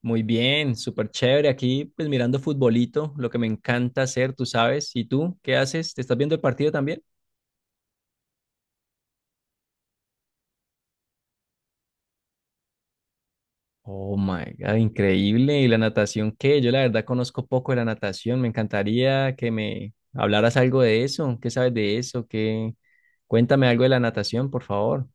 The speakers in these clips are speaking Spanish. Muy bien, súper chévere. Aquí, pues mirando futbolito, lo que me encanta hacer, tú sabes. ¿Y tú qué haces? ¿Te estás viendo el partido también? Oh my God, increíble. ¿Y la natación qué? Yo la verdad conozco poco de la natación. Me encantaría que me hablaras algo de eso. ¿Qué sabes de eso? ¿Qué? Cuéntame algo de la natación, por favor.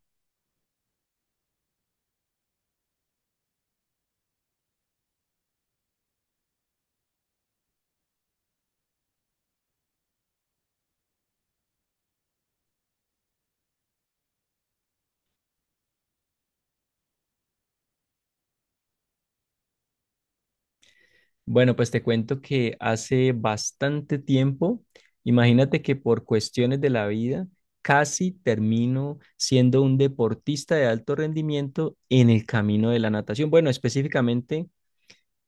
Bueno, pues te cuento que hace bastante tiempo, imagínate que por cuestiones de la vida, casi termino siendo un deportista de alto rendimiento en el camino de la natación. Bueno, específicamente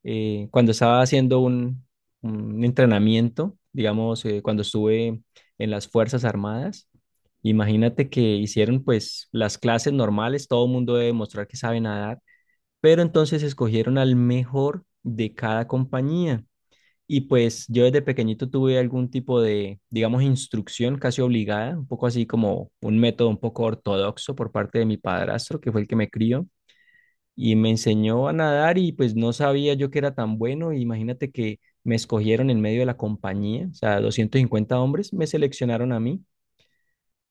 cuando estaba haciendo un entrenamiento, digamos, cuando estuve en las Fuerzas Armadas, imagínate que hicieron pues las clases normales, todo el mundo debe mostrar que sabe nadar, pero entonces escogieron al mejor de cada compañía. Y pues yo desde pequeñito tuve algún tipo de, digamos, instrucción casi obligada, un poco así como un método un poco ortodoxo por parte de mi padrastro, que fue el que me crió, y me enseñó a nadar y pues no sabía yo que era tan bueno. Imagínate que me escogieron en medio de la compañía, o sea, 250 hombres me seleccionaron a mí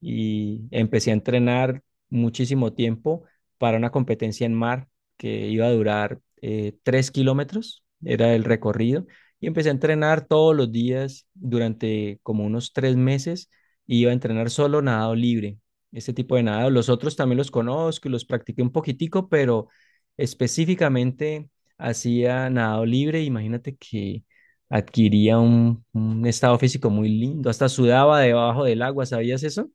y empecé a entrenar muchísimo tiempo para una competencia en mar que iba a durar 3 kilómetros, era el recorrido, y empecé a entrenar todos los días durante como unos 3 meses, y iba a entrenar solo nadado libre, este tipo de nadado. Los otros también los conozco y los practiqué un poquitico, pero específicamente hacía nadado libre, imagínate que adquiría un estado físico muy lindo, hasta sudaba debajo del agua, ¿sabías eso?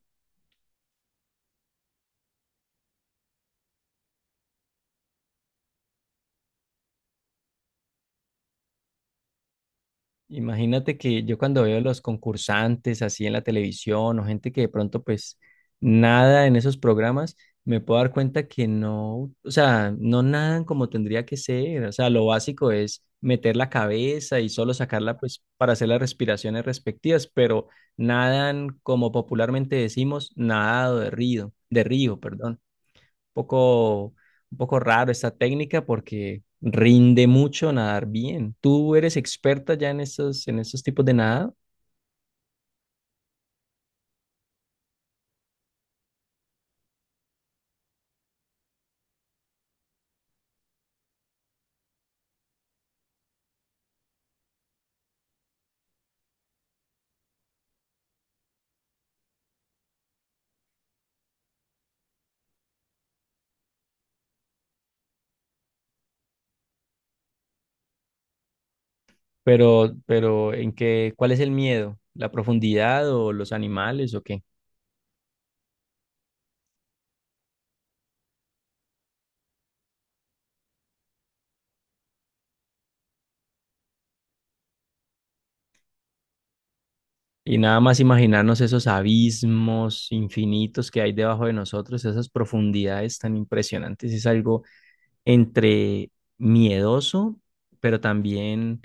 Imagínate que yo cuando veo los concursantes así en la televisión o gente que de pronto pues nada en esos programas, me puedo dar cuenta que no, o sea, no nadan como tendría que ser. O sea, lo básico es meter la cabeza y solo sacarla pues para hacer las respiraciones respectivas, pero nadan como popularmente decimos, nadado de río, perdón, poco, un poco raro esta técnica porque rinde mucho nadar bien. Tú eres experta ya en estos tipos de nada, pero cuál es el miedo? ¿La profundidad o los animales o qué? Y nada más imaginarnos esos abismos infinitos que hay debajo de nosotros, esas profundidades tan impresionantes, es algo entre miedoso, pero también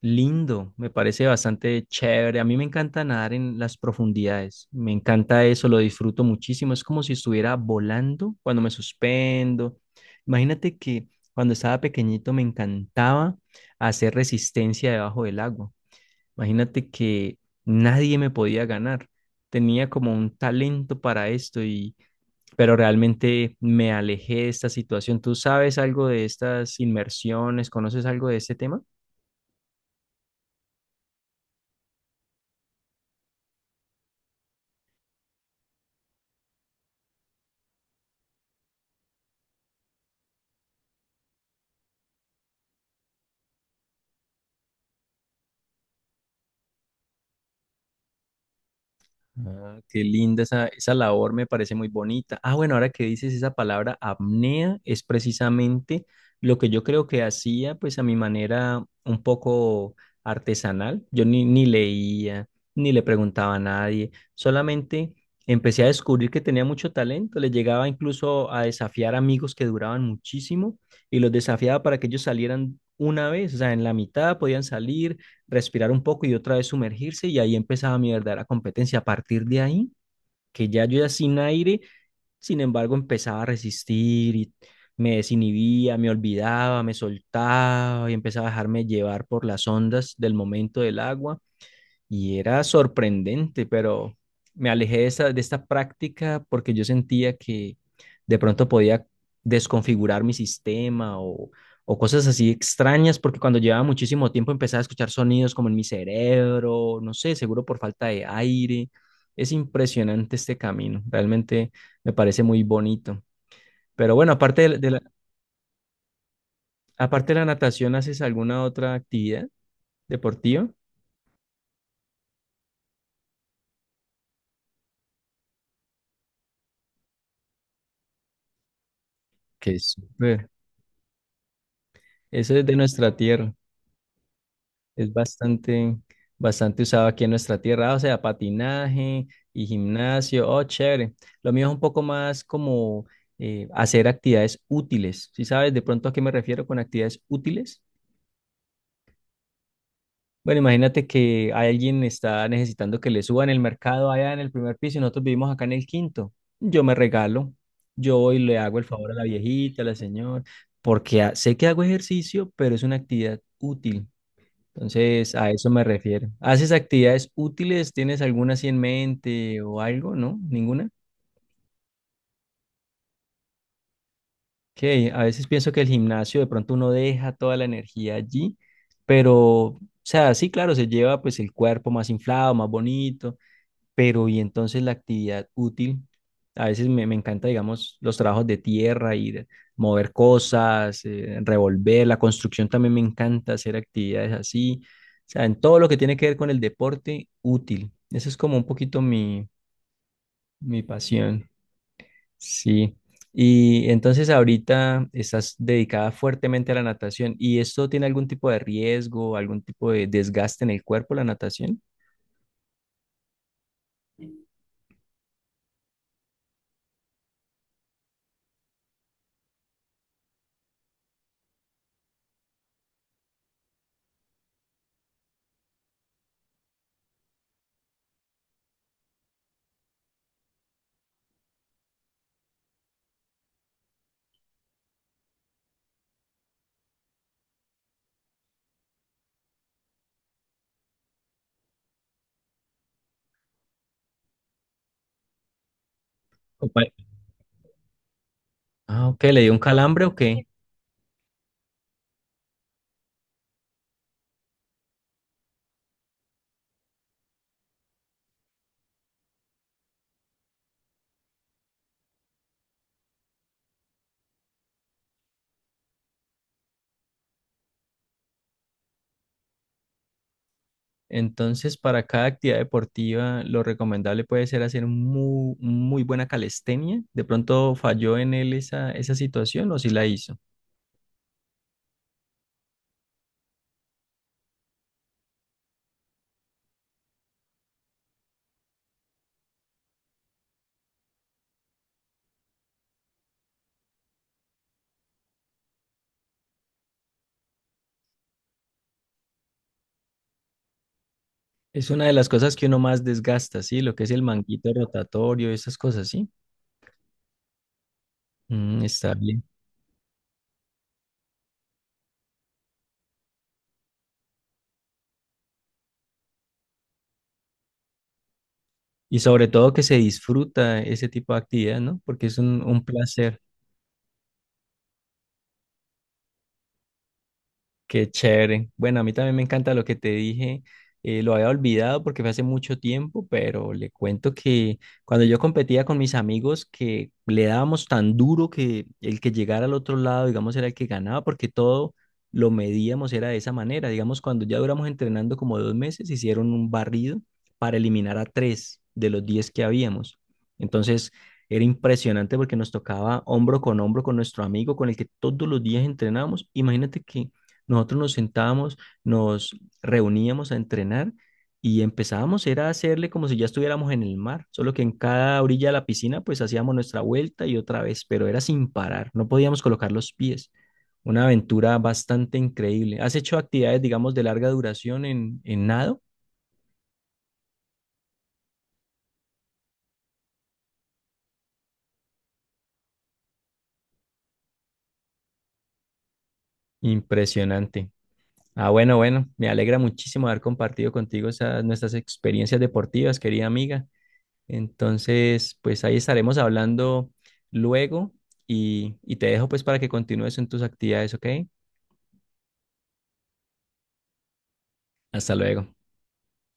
lindo, me parece bastante chévere. A mí me encanta nadar en las profundidades. Me encanta eso, lo disfruto muchísimo. Es como si estuviera volando cuando me suspendo. Imagínate que cuando estaba pequeñito me encantaba hacer resistencia debajo del agua. Imagínate que nadie me podía ganar. Tenía como un talento para esto y pero realmente me alejé de esta situación. ¿Tú sabes algo de estas inmersiones? ¿Conoces algo de este tema? Ah, qué linda esa labor, me parece muy bonita. Ah, bueno, ahora que dices esa palabra apnea, es precisamente lo que yo creo que hacía, pues a mi manera un poco artesanal. Yo ni leía, ni le preguntaba a nadie, solamente empecé a descubrir que tenía mucho talento. Le llegaba incluso a desafiar amigos que duraban muchísimo y los desafiaba para que ellos salieran una vez, o sea, en la mitad podían salir respirar un poco y otra vez sumergirse y ahí empezaba mi verdadera competencia. A partir de ahí, que ya yo ya sin aire, sin embargo, empezaba a resistir y me desinhibía, me olvidaba, me soltaba y empezaba a dejarme llevar por las ondas del momento del agua y era sorprendente, pero me alejé de esta práctica porque yo sentía que de pronto podía desconfigurar mi sistema o cosas así extrañas, porque cuando llevaba muchísimo tiempo empezaba a escuchar sonidos como en mi cerebro, no sé, seguro por falta de aire. Es impresionante este camino, realmente me parece muy bonito. Pero bueno, aparte de la natación, ¿haces alguna otra actividad deportiva? Que es Eso es de nuestra tierra. Es bastante, bastante usado aquí en nuestra tierra, o sea, patinaje y gimnasio, oh, chévere. Lo mío es un poco más como hacer actividades útiles. ¿Si sabes de pronto a qué me refiero con actividades útiles? Bueno, imagínate que alguien está necesitando que le suban el mercado allá en el primer piso y nosotros vivimos acá en el quinto. Yo me regalo, yo voy y le hago el favor a la viejita, a la señora, porque sé que hago ejercicio, pero es una actividad útil. Entonces, a eso me refiero. ¿Haces actividades útiles? ¿Tienes alguna así en mente o algo? ¿No? ¿Ninguna? Que a veces pienso que el gimnasio de pronto uno deja toda la energía allí, pero, o sea, sí, claro, se lleva pues el cuerpo más inflado, más bonito, pero y entonces la actividad útil, a veces me encanta, digamos, los trabajos de tierra, ir, mover cosas, revolver, la construcción también me encanta hacer actividades así, o sea, en todo lo que tiene que ver con el deporte útil. Eso es como un poquito mi pasión, sí. Y entonces ahorita estás dedicada fuertemente a la natación. ¿Y esto tiene algún tipo de riesgo, algún tipo de desgaste en el cuerpo, la natación? Compa- Ah, ok, ¿le dio un calambre o qué? Entonces, para cada actividad deportiva, lo recomendable puede ser hacer muy, muy buena calistenia. De pronto falló en él esa situación o si la hizo. Es una de las cosas que uno más desgasta, ¿sí? Lo que es el manguito rotatorio, esas cosas, ¿sí? Mm, está bien. Y sobre todo que se disfruta ese tipo de actividad, ¿no? Porque es un placer. Qué chévere. Bueno, a mí también me encanta lo que te dije. Lo había olvidado porque fue hace mucho tiempo, pero le cuento que cuando yo competía con mis amigos, que le dábamos tan duro que el que llegara al otro lado, digamos, era el que ganaba, porque todo lo medíamos era de esa manera. Digamos, cuando ya duramos entrenando como 2 meses, hicieron un barrido para eliminar a tres de los 10 que habíamos. Entonces, era impresionante porque nos tocaba hombro con nuestro amigo con el que todos los días entrenábamos. Imagínate que nosotros nos sentábamos, nos reuníamos a entrenar y empezábamos era a hacerle como si ya estuviéramos en el mar, solo que en cada orilla de la piscina pues hacíamos nuestra vuelta y otra vez, pero era sin parar, no podíamos colocar los pies. Una aventura bastante increíble. ¿Has hecho actividades, digamos, de larga duración en, nado? Impresionante. Ah, bueno, bueno, me alegra muchísimo haber compartido contigo esas, nuestras experiencias deportivas, querida amiga. Entonces, pues ahí estaremos hablando luego y te dejo pues para que continúes en tus actividades, ¿ok? Hasta luego.